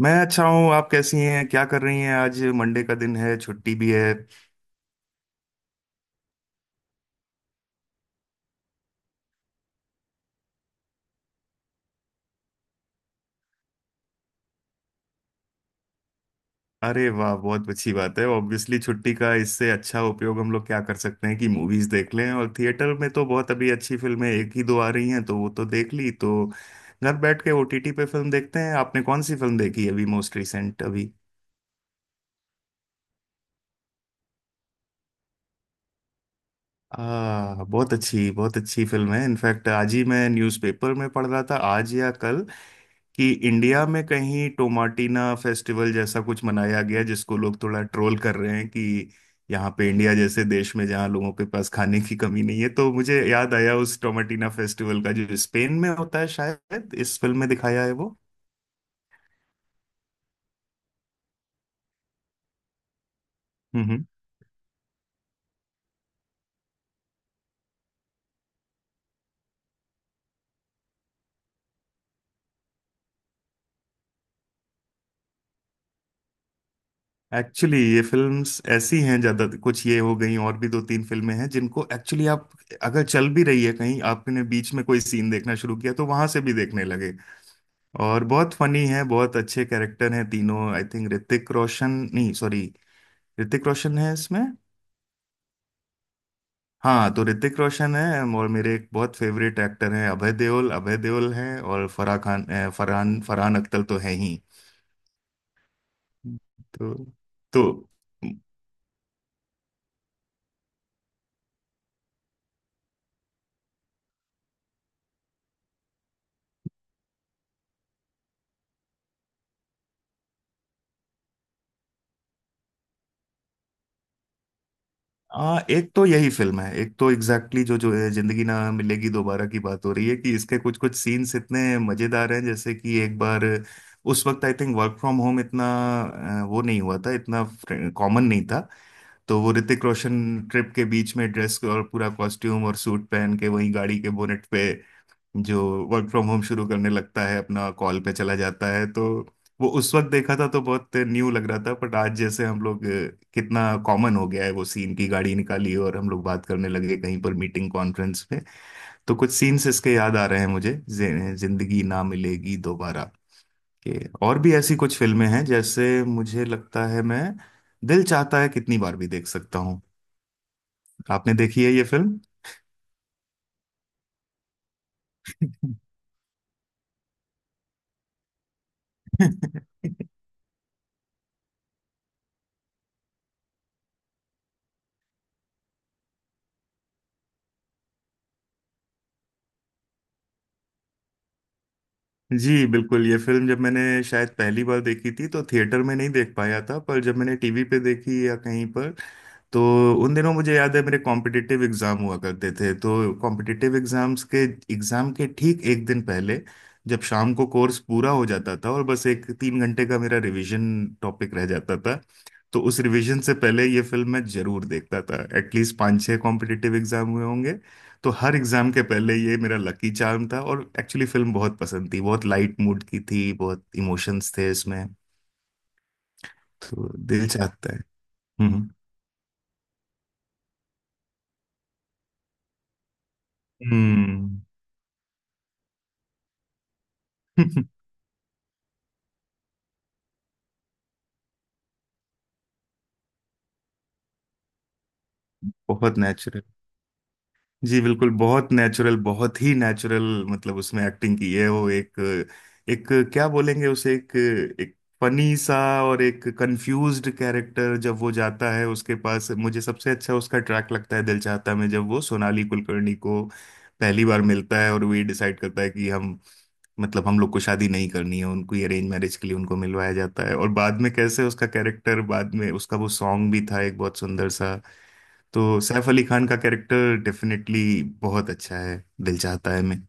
मैं अच्छा हूँ। आप कैसी हैं, क्या कर रही हैं? आज मंडे का दिन है, छुट्टी भी है। अरे वाह, बहुत अच्छी बात है। ऑब्वियसली छुट्टी का इससे अच्छा उपयोग हम लोग क्या कर सकते हैं कि मूवीज देख लें, और थिएटर में तो बहुत अभी अच्छी फिल्में एक ही दो आ रही हैं, तो वो तो देख ली, तो घर बैठ के ओटीटी पे फिल्म देखते हैं। आपने कौन सी फिल्म देखी अभी, मोस्ट रिसेंट अभी? बहुत अच्छी फिल्म है। इनफैक्ट आज ही मैं न्यूज़पेपर में पढ़ रहा था, आज या कल, कि इंडिया में कहीं टोमाटिना फेस्टिवल जैसा कुछ मनाया गया जिसको लोग थोड़ा ट्रोल कर रहे हैं कि यहाँ पे इंडिया जैसे देश में जहाँ लोगों के पास खाने की कमी नहीं है। तो मुझे याद आया उस टोमाटिना फेस्टिवल का जो स्पेन में होता है, शायद इस फिल्म में दिखाया है वो। हम्म हम्म। एक्चुअली ये फिल्म्स ऐसी हैं, ज्यादा कुछ ये हो गई और भी दो तीन फिल्में हैं जिनको एक्चुअली आप, अगर चल भी रही है कहीं, आपने बीच में कोई सीन देखना शुरू किया तो वहां से भी देखने लगे। और बहुत फनी है, बहुत अच्छे कैरेक्टर हैं तीनों। आई थिंक ऋतिक रोशन, नहीं सॉरी, ऋतिक रोशन है इसमें। हाँ, तो ऋतिक रोशन है और मेरे एक बहुत फेवरेट एक्टर हैं अभय देओल, अभय देओल हैं, और फराह खान फरहान फरहान अख्तर तो है ही। तो तो एक तो यही फिल्म है, एक तो एग्जैक्टली जो जो है, जिंदगी ना मिलेगी दोबारा की बात हो रही है, कि इसके कुछ कुछ सीन्स इतने मजेदार हैं। जैसे कि एक बार उस वक्त I think work from home इतना वो नहीं हुआ था, इतना कॉमन नहीं था। तो वो ऋतिक रोशन ट्रिप के बीच में ड्रेस और पूरा कॉस्ट्यूम और सूट पहन के वहीं गाड़ी के बोनेट पे जो वर्क फ्रॉम होम शुरू करने लगता है, अपना कॉल पे चला जाता है। तो वो उस वक्त देखा था तो बहुत न्यू लग रहा था, बट आज जैसे हम लोग कितना कॉमन हो गया है वो सीन, की गाड़ी निकाली और हम लोग बात करने लगे कहीं पर मीटिंग कॉन्फ्रेंस में। तो कुछ सीन्स इसके याद आ रहे हैं मुझे जिंदगी ना मिलेगी दोबारा के। और भी ऐसी कुछ फिल्में हैं जैसे मुझे लगता है मैं दिल चाहता है कितनी बार भी देख सकता हूँ। आपने देखी है ये फिल्म? जी बिल्कुल, ये फिल्म जब मैंने शायद पहली बार देखी थी तो थिएटर में नहीं देख पाया था, पर जब मैंने टीवी पे देखी या कहीं पर, तो उन दिनों मुझे याद है मेरे कॉम्पिटिटिव एग्जाम हुआ करते थे। तो कॉम्पिटिटिव एग्जाम्स के एग्जाम के ठीक एक दिन पहले, जब शाम को कोर्स पूरा हो जाता था और बस एक 3 घंटे का मेरा रिवीजन टॉपिक रह जाता था, तो उस रिवीजन से पहले ये फिल्म मैं जरूर देखता था। एटलीस्ट पाँच छः कॉम्पिटिटिव एग्जाम हुए होंगे, तो हर एग्जाम के पहले ये मेरा लकी चार्म था, और एक्चुअली फिल्म बहुत पसंद थी, बहुत लाइट मूड की थी, बहुत इमोशंस थे इसमें। तो दिल चाहता है। हम्म हम्म। बहुत नेचुरल। जी बिल्कुल, बहुत नेचुरल बहुत ही नेचुरल। मतलब उसमें एक्टिंग की है, वो एक एक क्या बोलेंगे उसे, एक एक फनी सा और एक कंफ्यूज्ड कैरेक्टर, जब वो जाता है उसके पास। मुझे सबसे अच्छा उसका ट्रैक लगता है दिल चाहता में, जब वो सोनाली कुलकर्णी को पहली बार मिलता है और वो ये डिसाइड करता है कि हम, मतलब हम लोग को शादी नहीं करनी है। उनको ये अरेंज मैरिज के लिए उनको मिलवाया जाता है, और बाद में कैसे उसका कैरेक्टर, बाद में उसका वो सॉन्ग भी था एक बहुत सुंदर सा। तो सैफ अली खान का कैरेक्टर डेफिनेटली बहुत अच्छा है, दिल चाहता है मैं।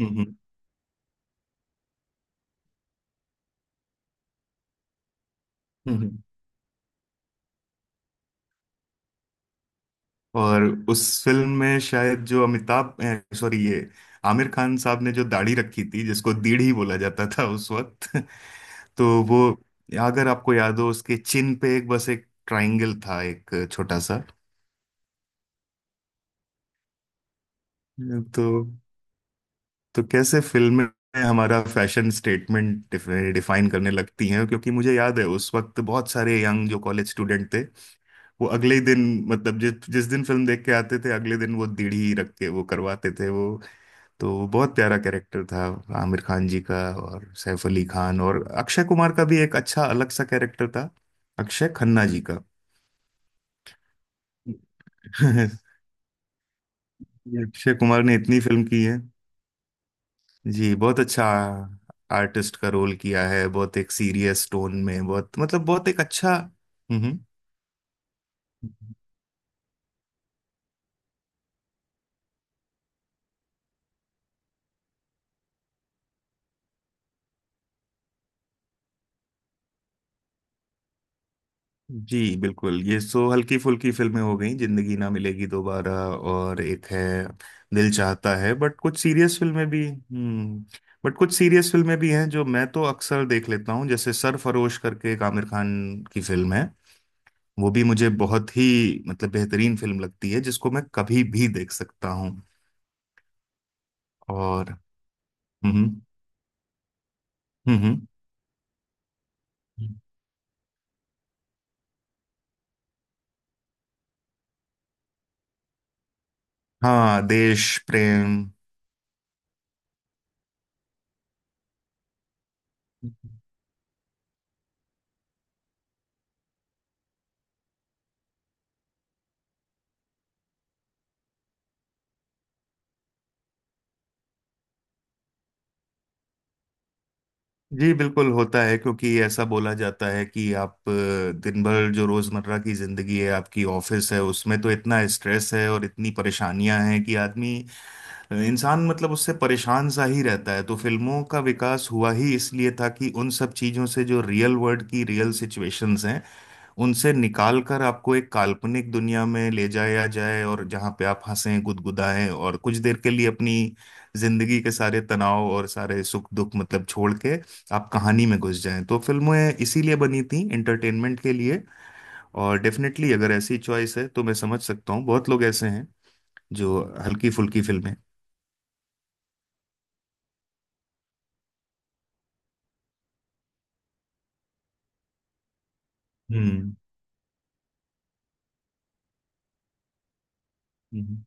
हम्म हम्म हम्म। और उस फिल्म में शायद जो अमिताभ, सॉरी ये आमिर खान साहब ने जो दाढ़ी रखी थी जिसको दीढ़ी बोला जाता था उस वक्त। तो वो, अगर आपको याद हो, उसके चिन पे एक, बस एक ट्रायंगल था, एक छोटा सा। तो तो कैसे फिल्में हमारा फैशन स्टेटमेंट डिफाइन करने लगती हैं, क्योंकि मुझे याद है उस वक्त बहुत सारे यंग जो कॉलेज स्टूडेंट थे, वो अगले ही दिन, मतलब जिस जिस दिन फिल्म देख के आते थे अगले दिन, वो दीढ़ी ही रख के वो करवाते थे वो। तो वो बहुत प्यारा कैरेक्टर था आमिर खान जी का। और सैफ अली खान और अक्षय कुमार का भी एक अच्छा अलग सा कैरेक्टर था, अक्षय खन्ना जी का। अक्षय कुमार ने इतनी फिल्म की है। जी बहुत अच्छा आर्टिस्ट का रोल किया है, बहुत एक सीरियस टोन में, बहुत मतलब बहुत एक अच्छा। हम्म हम्म। जी बिल्कुल, ये सो हल्की फुल्की फिल्में हो गई, जिंदगी ना मिलेगी दोबारा और एक है दिल चाहता है। बट कुछ सीरियस फिल्में भी बट कुछ सीरियस फिल्में भी हैं जो मैं तो अक्सर देख लेता हूँ, जैसे सरफरोश करके एक आमिर खान की फिल्म है, वो भी मुझे बहुत ही, मतलब बेहतरीन फिल्म लगती है जिसको मैं कभी भी देख सकता हूँ। और हम्म हम्म हम्म, हाँ देश प्रेम। जी बिल्कुल होता है, क्योंकि ऐसा बोला जाता है कि आप दिन भर जो रोजमर्रा की जिंदगी है, आपकी ऑफिस है, उसमें तो इतना स्ट्रेस है और इतनी परेशानियां हैं, कि आदमी इंसान, मतलब उससे परेशान सा ही रहता है। तो फिल्मों का विकास हुआ ही इसलिए था कि उन सब चीजों से, जो रियल वर्ल्ड की रियल सिचुएशंस हैं, उनसे निकाल कर आपको एक काल्पनिक दुनिया में ले जाया जाए, और जहां पे आप हंसें गुदगुदाएं और कुछ देर के लिए अपनी जिंदगी के सारे तनाव और सारे सुख दुख, मतलब छोड़ के, आप कहानी में घुस जाएं। तो फिल्में इसीलिए बनी थी, एंटरटेनमेंट के लिए। और डेफिनेटली अगर ऐसी चॉइस है तो मैं समझ सकता हूँ, बहुत लोग ऐसे हैं जो हल्की फुल्की फिल्में। हम्म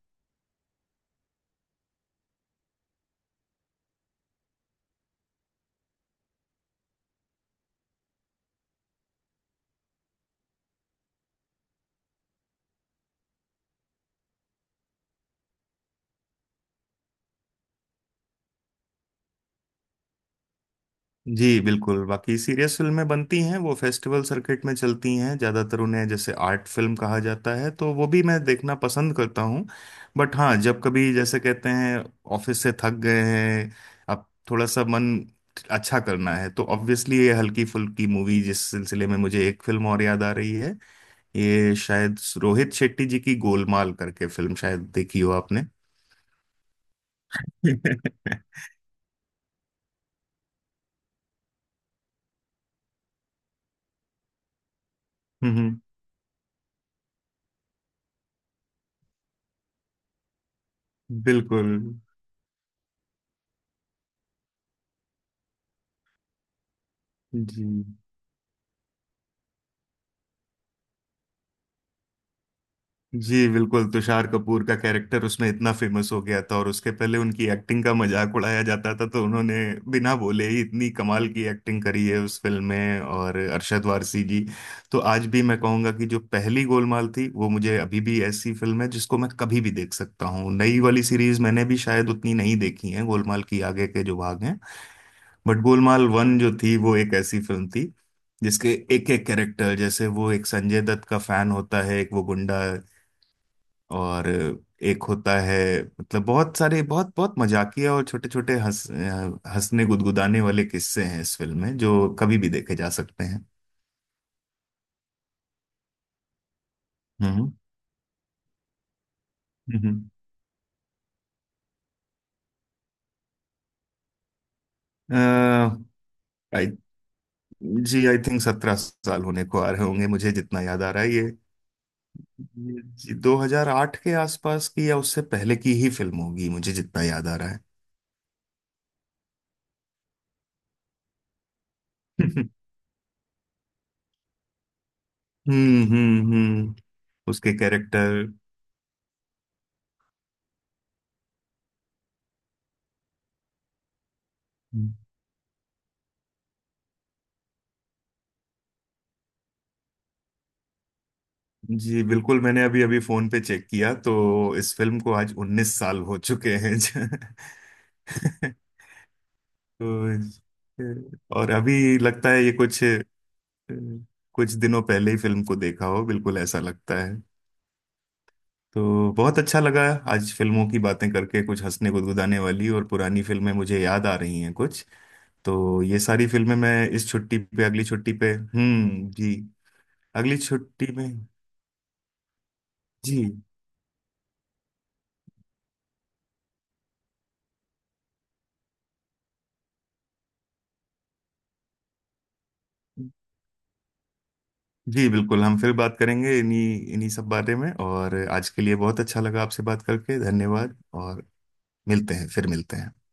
जी बिल्कुल, बाकी सीरियस फिल्में बनती हैं, वो फेस्टिवल सर्किट में चलती हैं ज़्यादातर, उन्हें जैसे आर्ट फिल्म कहा जाता है, तो वो भी मैं देखना पसंद करता हूँ। बट हाँ, जब कभी जैसे कहते हैं ऑफिस से थक गए हैं, अब थोड़ा सा मन अच्छा करना है, तो ऑब्वियसली ये हल्की फुल्की मूवी, जिस सिलसिले में मुझे एक फिल्म और याद आ रही है, ये शायद रोहित शेट्टी जी की गोलमाल करके फिल्म, शायद देखी हो आपने। हम्म बिल्कुल जी। जी बिल्कुल, तुषार कपूर का कैरेक्टर उसमें इतना फेमस हो गया था, और उसके पहले उनकी एक्टिंग का मजाक उड़ाया जाता था, तो उन्होंने बिना बोले ही इतनी कमाल की एक्टिंग करी है उस फिल्म में। और अरशद वारसी जी, तो आज भी मैं कहूंगा कि जो पहली गोलमाल थी, वो मुझे अभी भी ऐसी फिल्म है जिसको मैं कभी भी देख सकता हूँ। नई वाली सीरीज मैंने भी शायद उतनी नहीं देखी है, गोलमाल की आगे के जो भाग हैं। बट गोलमाल वन जो थी, वो एक ऐसी फिल्म थी जिसके एक एक कैरेक्टर, जैसे वो एक संजय दत्त का फैन होता है, एक वो गुंडा, और एक होता है, मतलब बहुत सारे, बहुत बहुत मजाकिया और छोटे छोटे हंसने गुदगुदाने वाले किस्से हैं इस फिल्म में, जो कभी भी देखे जा सकते हैं। हम्म हम्म। आई जी, आई थिंक 17 साल होने को आ रहे होंगे, मुझे जितना याद आ रहा है ये। ये जी, 2008 के आसपास की या उससे पहले की ही फिल्म होगी, मुझे जितना याद आ रहा है। हम्म, उसके कैरेक्टर। जी बिल्कुल, मैंने अभी अभी फोन पे चेक किया तो इस फिल्म को आज 19 साल हो चुके हैं। तो और अभी लगता है ये कुछ कुछ दिनों पहले ही फिल्म को देखा हो, बिल्कुल ऐसा लगता है। तो बहुत अच्छा लगा आज फिल्मों की बातें करके, कुछ हंसने गुदगुदाने वाली और पुरानी फिल्में मुझे याद आ रही हैं कुछ, तो ये सारी फिल्में मैं इस छुट्टी पे अगली छुट्टी पे जी अगली छुट्टी में। जी जी बिल्कुल, हम फिर बात करेंगे इन्हीं इन्हीं सब बारे में, और आज के लिए बहुत अच्छा लगा आपसे बात करके, धन्यवाद। और मिलते हैं, फिर मिलते हैं।